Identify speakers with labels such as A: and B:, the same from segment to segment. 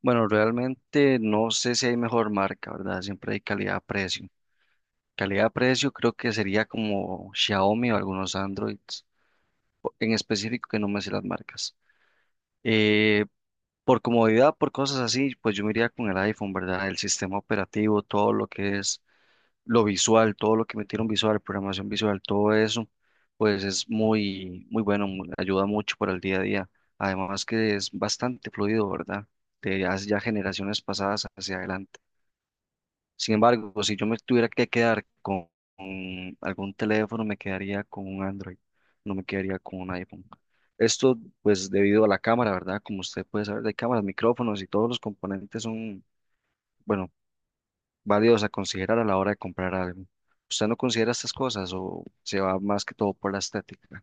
A: Bueno, realmente no sé si hay mejor marca, ¿verdad? Siempre hay calidad-precio. Calidad-precio creo que sería como Xiaomi o algunos Androids, en específico que no me sé las marcas. Eh, por comodidad, por cosas así, pues yo me iría con el iPhone, ¿verdad? El sistema operativo, todo lo que es lo visual, todo lo que metieron visual, programación visual, todo eso, pues es muy, muy bueno, ayuda mucho para el día a día. Además que es bastante fluido, ¿verdad? De ya generaciones pasadas hacia adelante. Sin embargo, pues, si yo me tuviera que quedar con algún teléfono, me quedaría con un Android, no me quedaría con un iPhone. Esto, pues, debido a la cámara, ¿verdad? Como usted puede saber, de cámaras, micrófonos y todos los componentes son, bueno, válidos a considerar a la hora de comprar algo. ¿Usted no considera estas cosas o se va más que todo por la estética?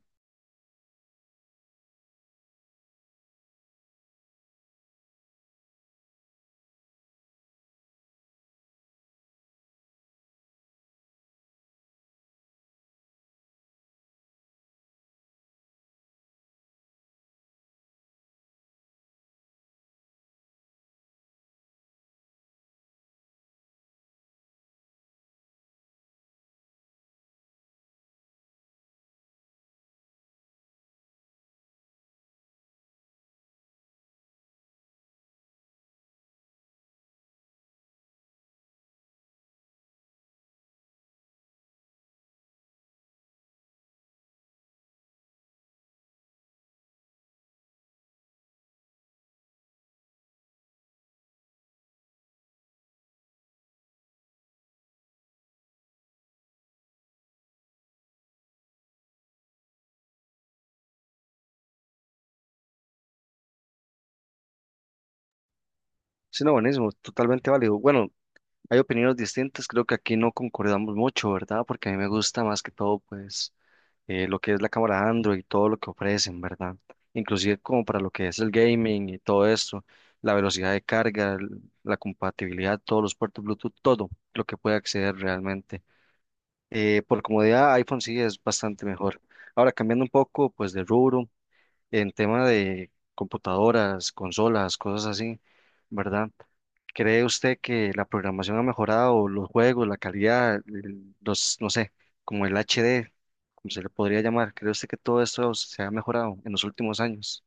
A: Sí, no, buenísimo, totalmente válido. Bueno, hay opiniones distintas, creo que aquí no concordamos mucho, ¿verdad? Porque a mí me gusta más que todo, pues lo que es la cámara Android, todo lo que ofrecen, ¿verdad? Inclusive como para lo que es el gaming y todo esto, la velocidad de carga, la compatibilidad, todos los puertos Bluetooth, todo lo que puede acceder realmente. Por comodidad, iPhone sí es bastante mejor. Ahora, cambiando un poco, pues de rubro, en tema de computadoras, consolas, cosas así, ¿verdad? ¿Cree usted que la programación ha mejorado, los juegos, la calidad, los, no sé, como el HD, como se le podría llamar? ¿Cree usted que todo esto se ha mejorado en los últimos años?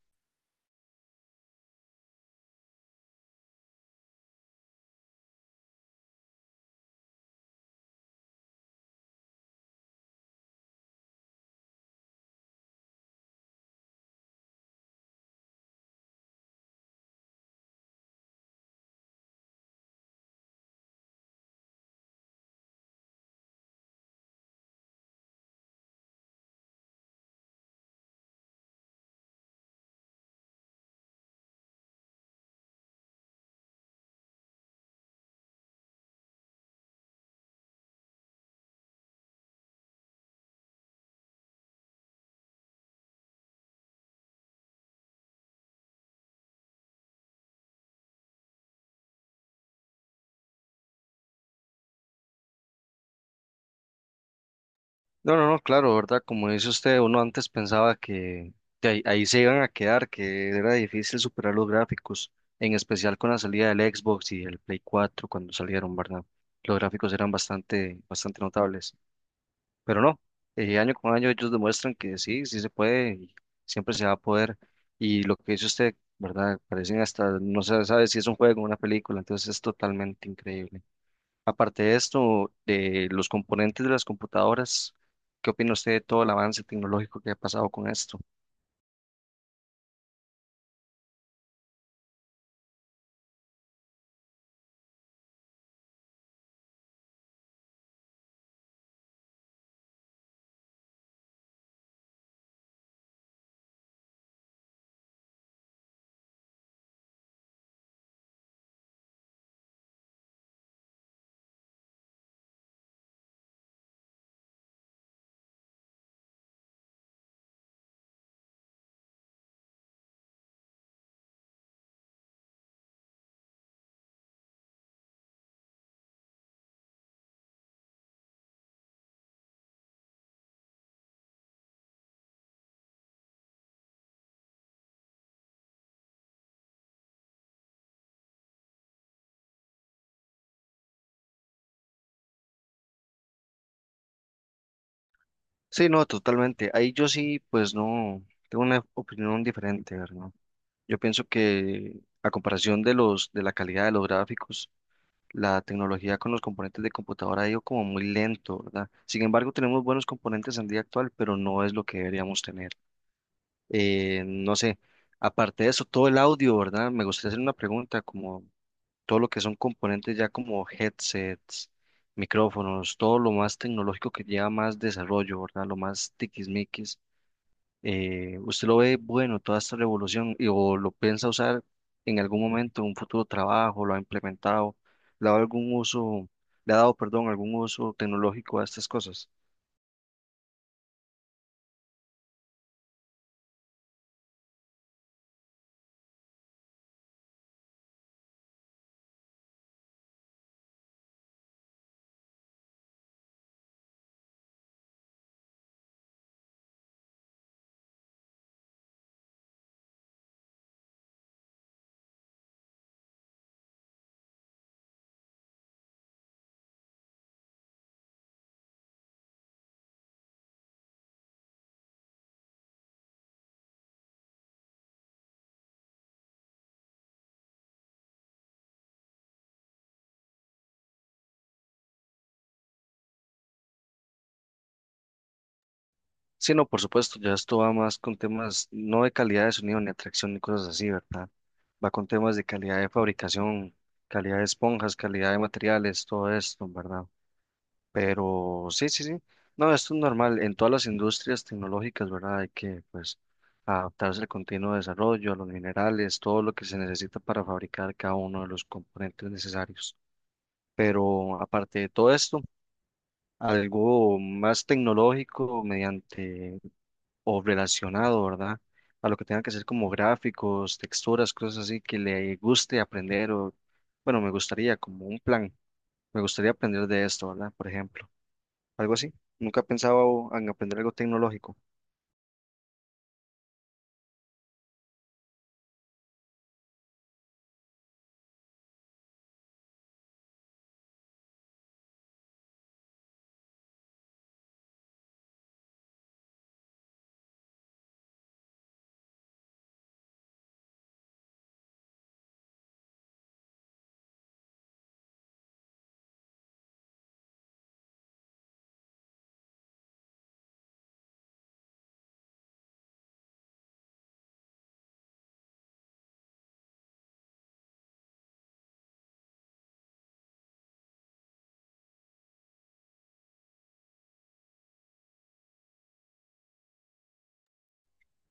A: No, no, no, claro, ¿verdad? Como dice usted, uno antes pensaba que de ahí se iban a quedar, que era difícil superar los gráficos, en especial con la salida del Xbox y el Play 4 cuando salieron, ¿verdad? Los gráficos eran bastante, bastante notables. Pero no, año con año ellos demuestran que sí, sí se puede y siempre se va a poder. Y lo que dice usted, ¿verdad? Parecen hasta, no se sabe si es un juego o una película, entonces es totalmente increíble. Aparte de esto, de los componentes de las computadoras, ¿qué opina usted de todo el avance tecnológico que ha pasado con esto? Sí, no, totalmente. Ahí yo sí, pues no, tengo una opinión diferente, ¿verdad? Yo pienso que a comparación de los, de la calidad de los gráficos, la tecnología con los componentes de computadora ha ido como muy lento, ¿verdad? Sin embargo, tenemos buenos componentes en día actual, pero no es lo que deberíamos tener. No sé, aparte de eso, todo el audio, ¿verdad? Me gustaría hacer una pregunta, como todo lo que son componentes ya como headsets, micrófonos, todo lo más tecnológico que lleva más desarrollo, ¿verdad? Lo más tiquismiquis ¿usted lo ve bueno toda esta revolución y, o lo piensa usar en algún momento, en un futuro trabajo, lo ha implementado, le ha dado algún uso, le ha dado, perdón, algún uso tecnológico a estas cosas? Sí, no, por supuesto, ya esto va más con temas no de calidad de sonido ni atracción ni cosas así, ¿verdad? Va con temas de calidad de fabricación, calidad de esponjas, calidad de materiales, todo esto, ¿verdad? Pero sí, sí, sí. No, esto es normal en todas las industrias tecnológicas, ¿verdad? Hay que, pues, adaptarse al continuo desarrollo, a los minerales, todo lo que se necesita para fabricar cada uno de los componentes necesarios. Pero aparte de todo esto, algo más tecnológico mediante o relacionado, ¿verdad? A lo que tenga que ser como gráficos, texturas, cosas así que le guste aprender o, bueno, me gustaría como un plan, me gustaría aprender de esto, ¿verdad? Por ejemplo algo así. Nunca pensaba en aprender algo tecnológico.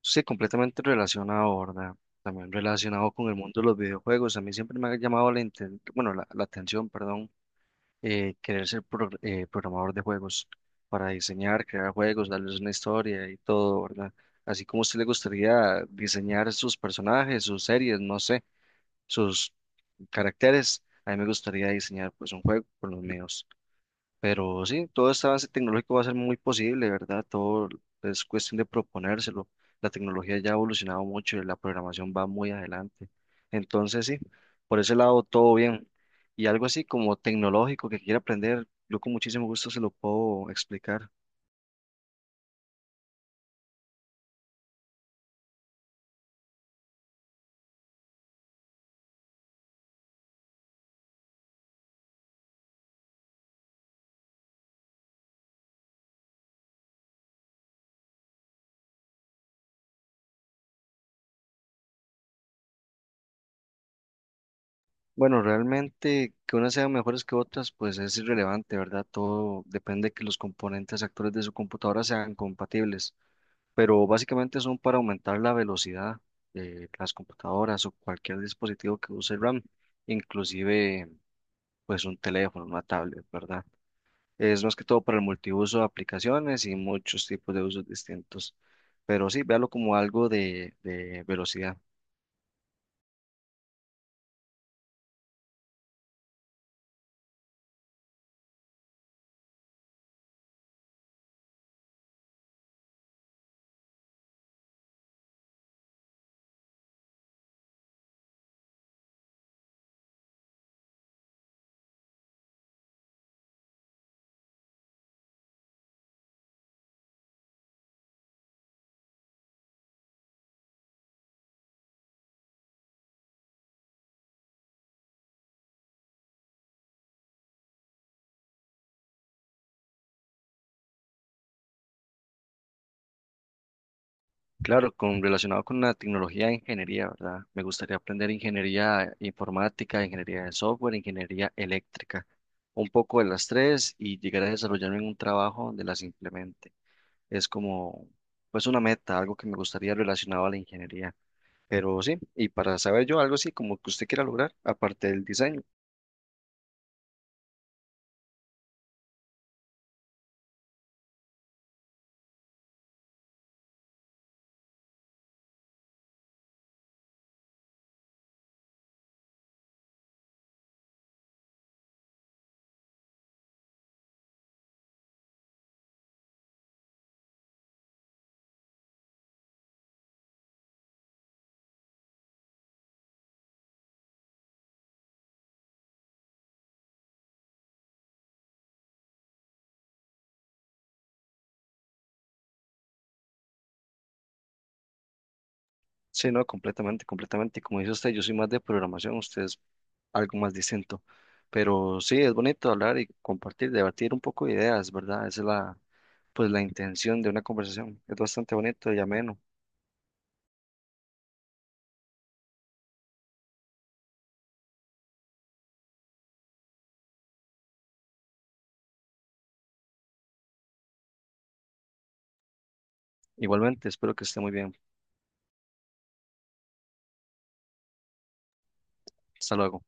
A: Sí, completamente relacionado, ¿verdad? También relacionado con el mundo de los videojuegos. A mí siempre me ha llamado bueno, la atención, perdón, querer ser programador de juegos para diseñar, crear juegos, darles una historia y todo, ¿verdad? Así como a usted le gustaría diseñar sus personajes, sus series, no sé, sus caracteres, a mí me gustaría diseñar pues un juego con los míos. Pero sí, todo este avance tecnológico va a ser muy posible, ¿verdad? Todo es cuestión de proponérselo. La tecnología ya ha evolucionado mucho y la programación va muy adelante. Entonces, sí, por ese lado todo bien. Y algo así como tecnológico que quiera aprender, yo con muchísimo gusto se lo puedo explicar. Bueno, realmente que unas sean mejores que otras, pues es irrelevante, ¿verdad? Todo depende de que los componentes actores de su computadora sean compatibles. Pero básicamente son para aumentar la velocidad de las computadoras o cualquier dispositivo que use RAM, inclusive pues un teléfono, una tablet, ¿verdad? Es más que todo para el multiuso de aplicaciones y muchos tipos de usos distintos, pero sí, véalo como algo de velocidad. Claro, con, relacionado con la tecnología de ingeniería, ¿verdad? Me gustaría aprender ingeniería informática, ingeniería de software, ingeniería eléctrica, un poco de las tres y llegar a desarrollarme en un trabajo donde las implemente. Es como, pues una meta, algo que me gustaría relacionado a la ingeniería. Pero sí, y para saber yo algo así como que usted quiera lograr, aparte del diseño. Sí, no, completamente, completamente. Como dice usted, yo soy más de programación, usted es algo más distinto. Pero sí, es bonito hablar y compartir, debatir un poco de ideas, ¿verdad? Esa es la, pues la intención de una conversación. Es bastante bonito y ameno. Igualmente, espero que esté muy bien. Hasta luego.